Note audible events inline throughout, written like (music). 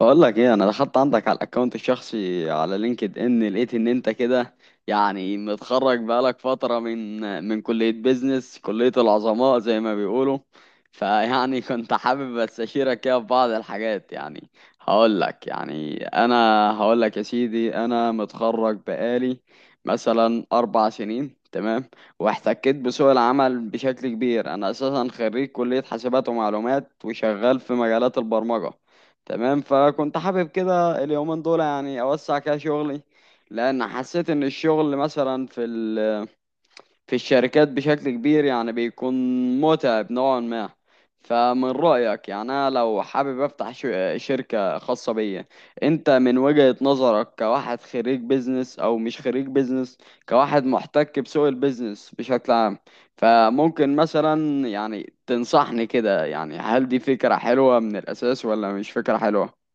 بقول لك ايه، انا دخلت عندك على الاكونت الشخصي على لينكد ان، لقيت ان انت كده متخرج بقالك فتره من كليه بيزنس، كليه العظماء زي ما بيقولوا. (laughs) كنت حابب استشيرك كده في بعض الحاجات هقول لك يا سيدي، انا متخرج بقالي مثلا 4 سنين، تمام. واحتكيت بسوق العمل بشكل كبير. انا اساسا خريج كليه حاسبات ومعلومات، وشغال في مجالات البرمجه، تمام. فكنت حابب كده اليومين دول اوسع كده شغلي، لان حسيت ان الشغل مثلا في ال... في الشركات بشكل كبير بيكون متعب نوعا ما. فمن رأيك، انا لو حابب افتح شركة خاصة بيا، انت من وجهة نظرك كواحد خريج بيزنس او مش خريج بيزنس، كواحد محتك بسوق البيزنس بشكل عام، فممكن مثلا تنصحني كده، هل دي فكرة حلوة من الأساس ولا مش فكرة حلوة؟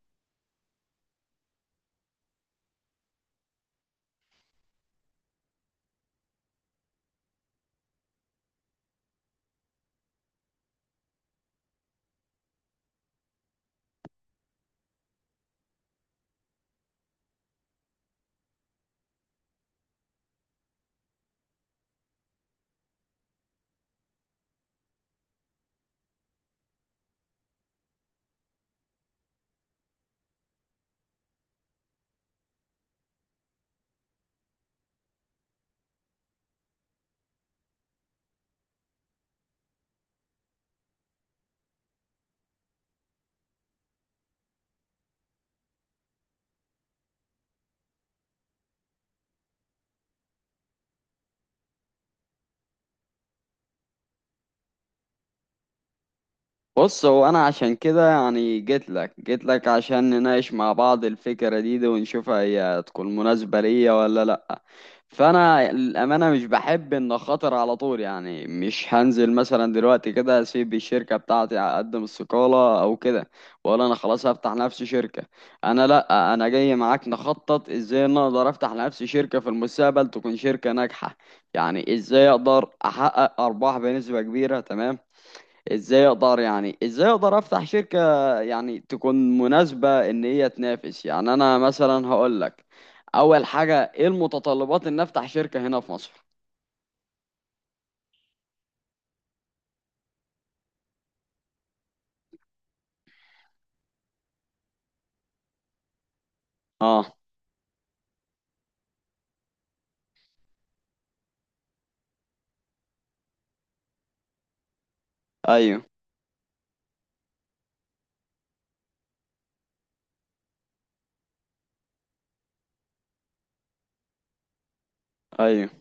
بص، هو انا عشان كده جيت لك عشان نناقش مع بعض الفكرة دي، ونشوفها هي تكون مناسبة ليا ولا لا. فانا الامانة مش بحب ان خاطر على طول، مش هنزل مثلا دلوقتي كده اسيب الشركة بتاعتي، اقدم استقالة او كده، واقول انا خلاص هفتح لنفسي شركة. انا لا، انا جاي معاك نخطط ازاي إن أنا اقدر افتح لنفسي شركة في المستقبل تكون شركة ناجحة. ازاي اقدر احقق ارباح بنسبة كبيرة، تمام. ازاي اقدر افتح شركة تكون مناسبة ان هي تنافس. انا مثلا هقول لك، اول حاجة ايه المتطلبات ان افتح شركة هنا في مصر؟ اه. ايوه. ايوه.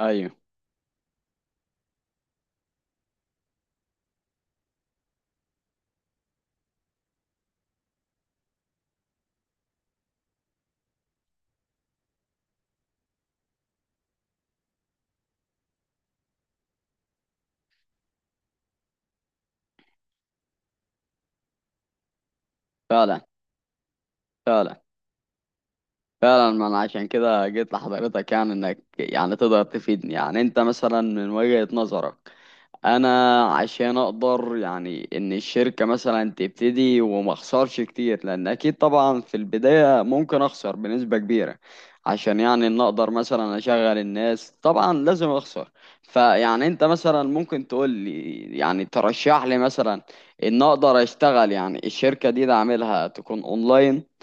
ايوه. فعلا. فعلا. فعلا، ما انا عشان كده جيت لحضرتك، انك تقدر تفيدني. انت مثلا من وجهة نظرك، انا عشان اقدر ان الشركة مثلا تبتدي وما اخسرش كتير، لان اكيد طبعا في البداية ممكن اخسر بنسبة كبيرة عشان ان اقدر مثلا اشغل الناس، طبعا لازم اخسر. انت مثلا ممكن تقول لي، ترشح لي مثلا ان اقدر اشتغل الشركة دي، ده اعملها تكون اونلاين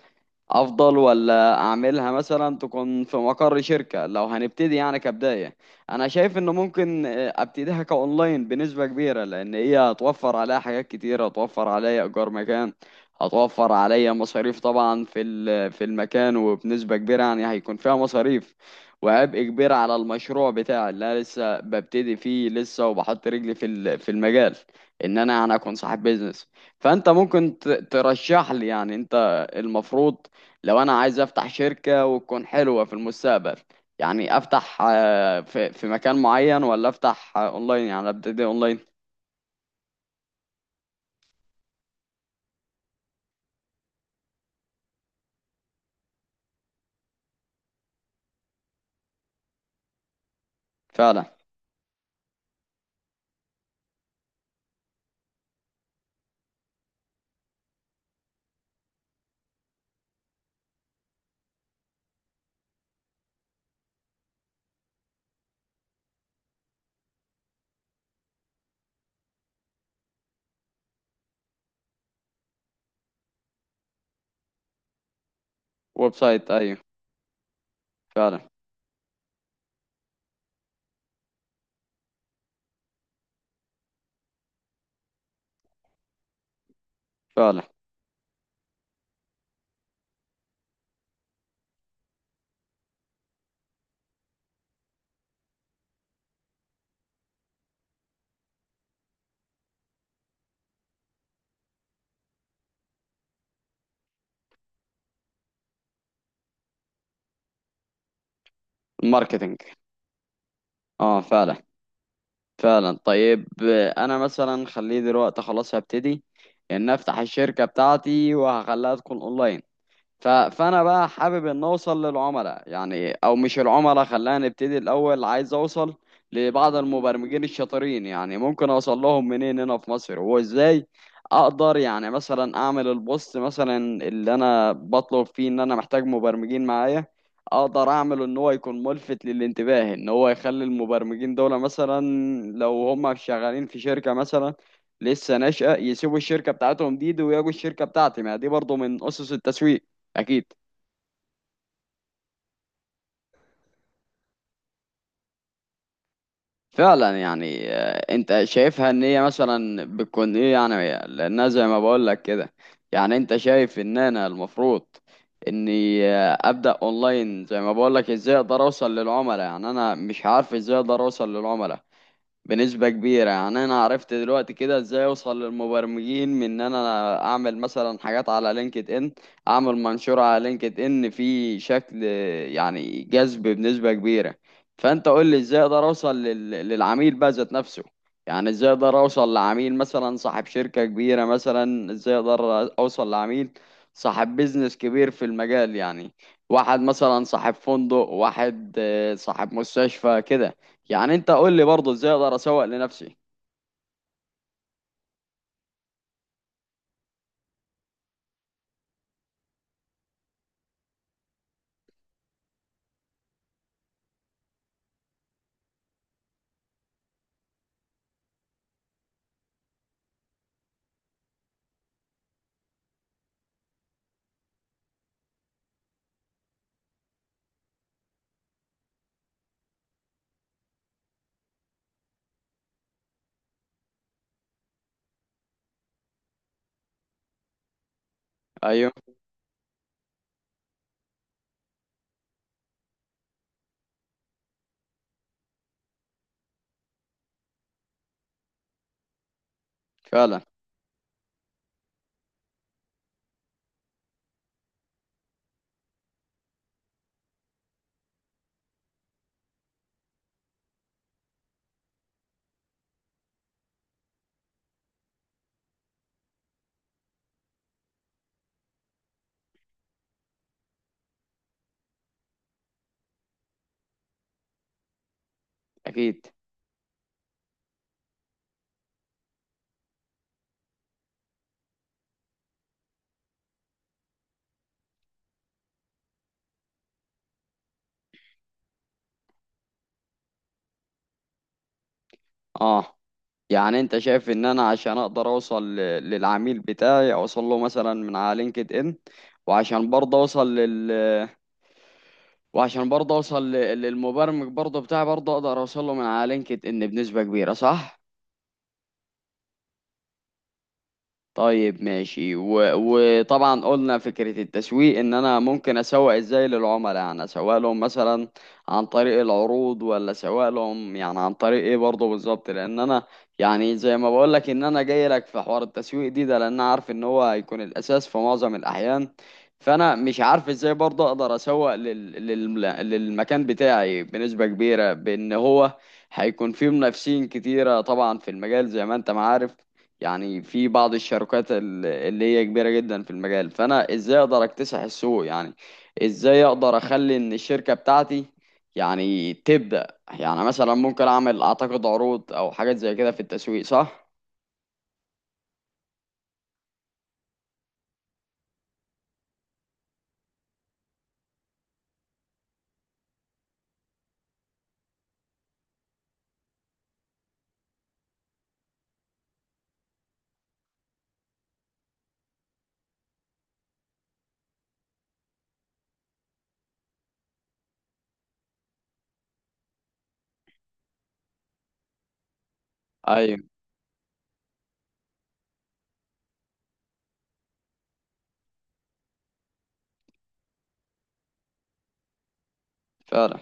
افضل، ولا اعملها مثلا تكون في مقر شركة لو هنبتدي كبداية. انا شايف انه ممكن ابتديها كاونلاين بنسبة كبيرة، لان هي هتوفر عليا حاجات كتير، هتوفر عليا ايجار مكان، هتوفر عليا مصاريف طبعا في المكان، وبنسبة كبيرة هيكون فيها مصاريف وعبء كبير على المشروع بتاعي اللي انا لسه ببتدي فيه لسه، وبحط رجلي في المجال ان انا اكون صاحب بيزنس. فانت ممكن ترشح لي، انت المفروض، لو انا عايز افتح شركة وتكون حلوة في المستقبل، افتح في مكان معين، ولا افتح اونلاين ابتدي اونلاين؟ فعلا. ويب سايت، ايوه. فعلا. فعلا. الماركتينج. اه، فعلا. فعلا، طيب. انا مثلا خليه دلوقتي خلاص، هبتدي ان افتح الشركة بتاعتي وهخليها تكون اونلاين. فانا بقى حابب ان اوصل للعملاء، او مش العملاء، خلينا نبتدي الاول. عايز اوصل لبعض المبرمجين الشاطرين، ممكن اوصل لهم منين هنا في مصر، وازاي اقدر مثلا اعمل البوست مثلا، اللي انا بطلب فيه ان انا محتاج مبرمجين معايا، اقدر اعمله ان هو يكون ملفت للانتباه، ان هو يخلي المبرمجين دول مثلا، لو هم شغالين في شركة مثلا لسه ناشئة، يسيبوا الشركة بتاعتهم دي ويجوا الشركة بتاعتي. ما دي برضو من اسس التسويق، اكيد. فعلا. انت شايفها ان هي مثلا بتكون ايه لانها زي ما بقول لك كده؟ انت شايف ان انا المفروض اني ابدا اونلاين؟ زي ما بقول لك، ازاي اقدر اوصل للعملاء؟ انا مش عارف ازاي اقدر اوصل للعملاء بنسبة كبيرة. أنا عرفت دلوقتي كده إزاي أوصل للمبرمجين، من إن أنا أعمل مثلا حاجات على لينكد إن، أعمل منشور على لينكد إن في شكل جذب بنسبة كبيرة. فأنت قول لي إزاي أقدر أوصل للعميل بقى ذات نفسه. إزاي أقدر أوصل لعميل مثلا صاحب شركة كبيرة، مثلا إزاي أقدر أوصل لعميل صاحب بيزنس كبير في المجال، واحد مثلا صاحب فندق، واحد صاحب مستشفى كده. انت قول لي برضه ازاي اقدر اسوق لنفسي. ايوه. فعلا. اكيد. اه، انت شايف ان انا عشان اقدر اوصل للعميل بتاعي، اوصل له مثلا من على لينكد ان، وعشان برضه اوصل لل، وعشان برضه اوصل للمبرمج برضه بتاعي، برضه اقدر اوصل له من على لينكد ان بنسبة كبيرة، صح؟ طيب ماشي. وطبعا قلنا فكرة التسويق، ان انا ممكن اسوق ازاي للعملاء. اسوق لهم مثلا عن طريق العروض، ولا اسوق لهم عن طريق ايه برضه بالظبط؟ لان انا زي ما بقول لك ان انا جاي لك في حوار التسويق ده لان أنا عارف ان هو هيكون الاساس في معظم الاحيان. فانا مش عارف ازاي برضه اقدر اسوق للمكان بتاعي بنسبة كبيرة، بان هو هيكون فيه منافسين كتيرة طبعا في المجال، زي ما انت ما عارف. في بعض الشركات اللي هي كبيرة جدا في المجال. فأنا إزاي أقدر أكتسح السوق؟ إزاي أقدر أخلي إن الشركة بتاعتي تبدأ؟ مثلا ممكن أعمل أعتقد عروض أو حاجات زي كده في التسويق، صح؟ أيوه. فعلا.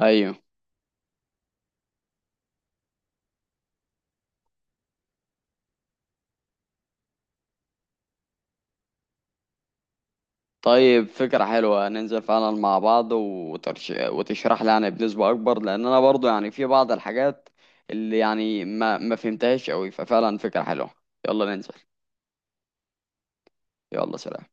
أيوه، طيب، فكرة حلوة. ننزل فعلا مع بعض وتشرح لي بنسبة أكبر، لأن أنا برضو في بعض الحاجات اللي ما فهمتهاش أوي. ففعلا فكرة حلوة، يلا ننزل. يلا سلام.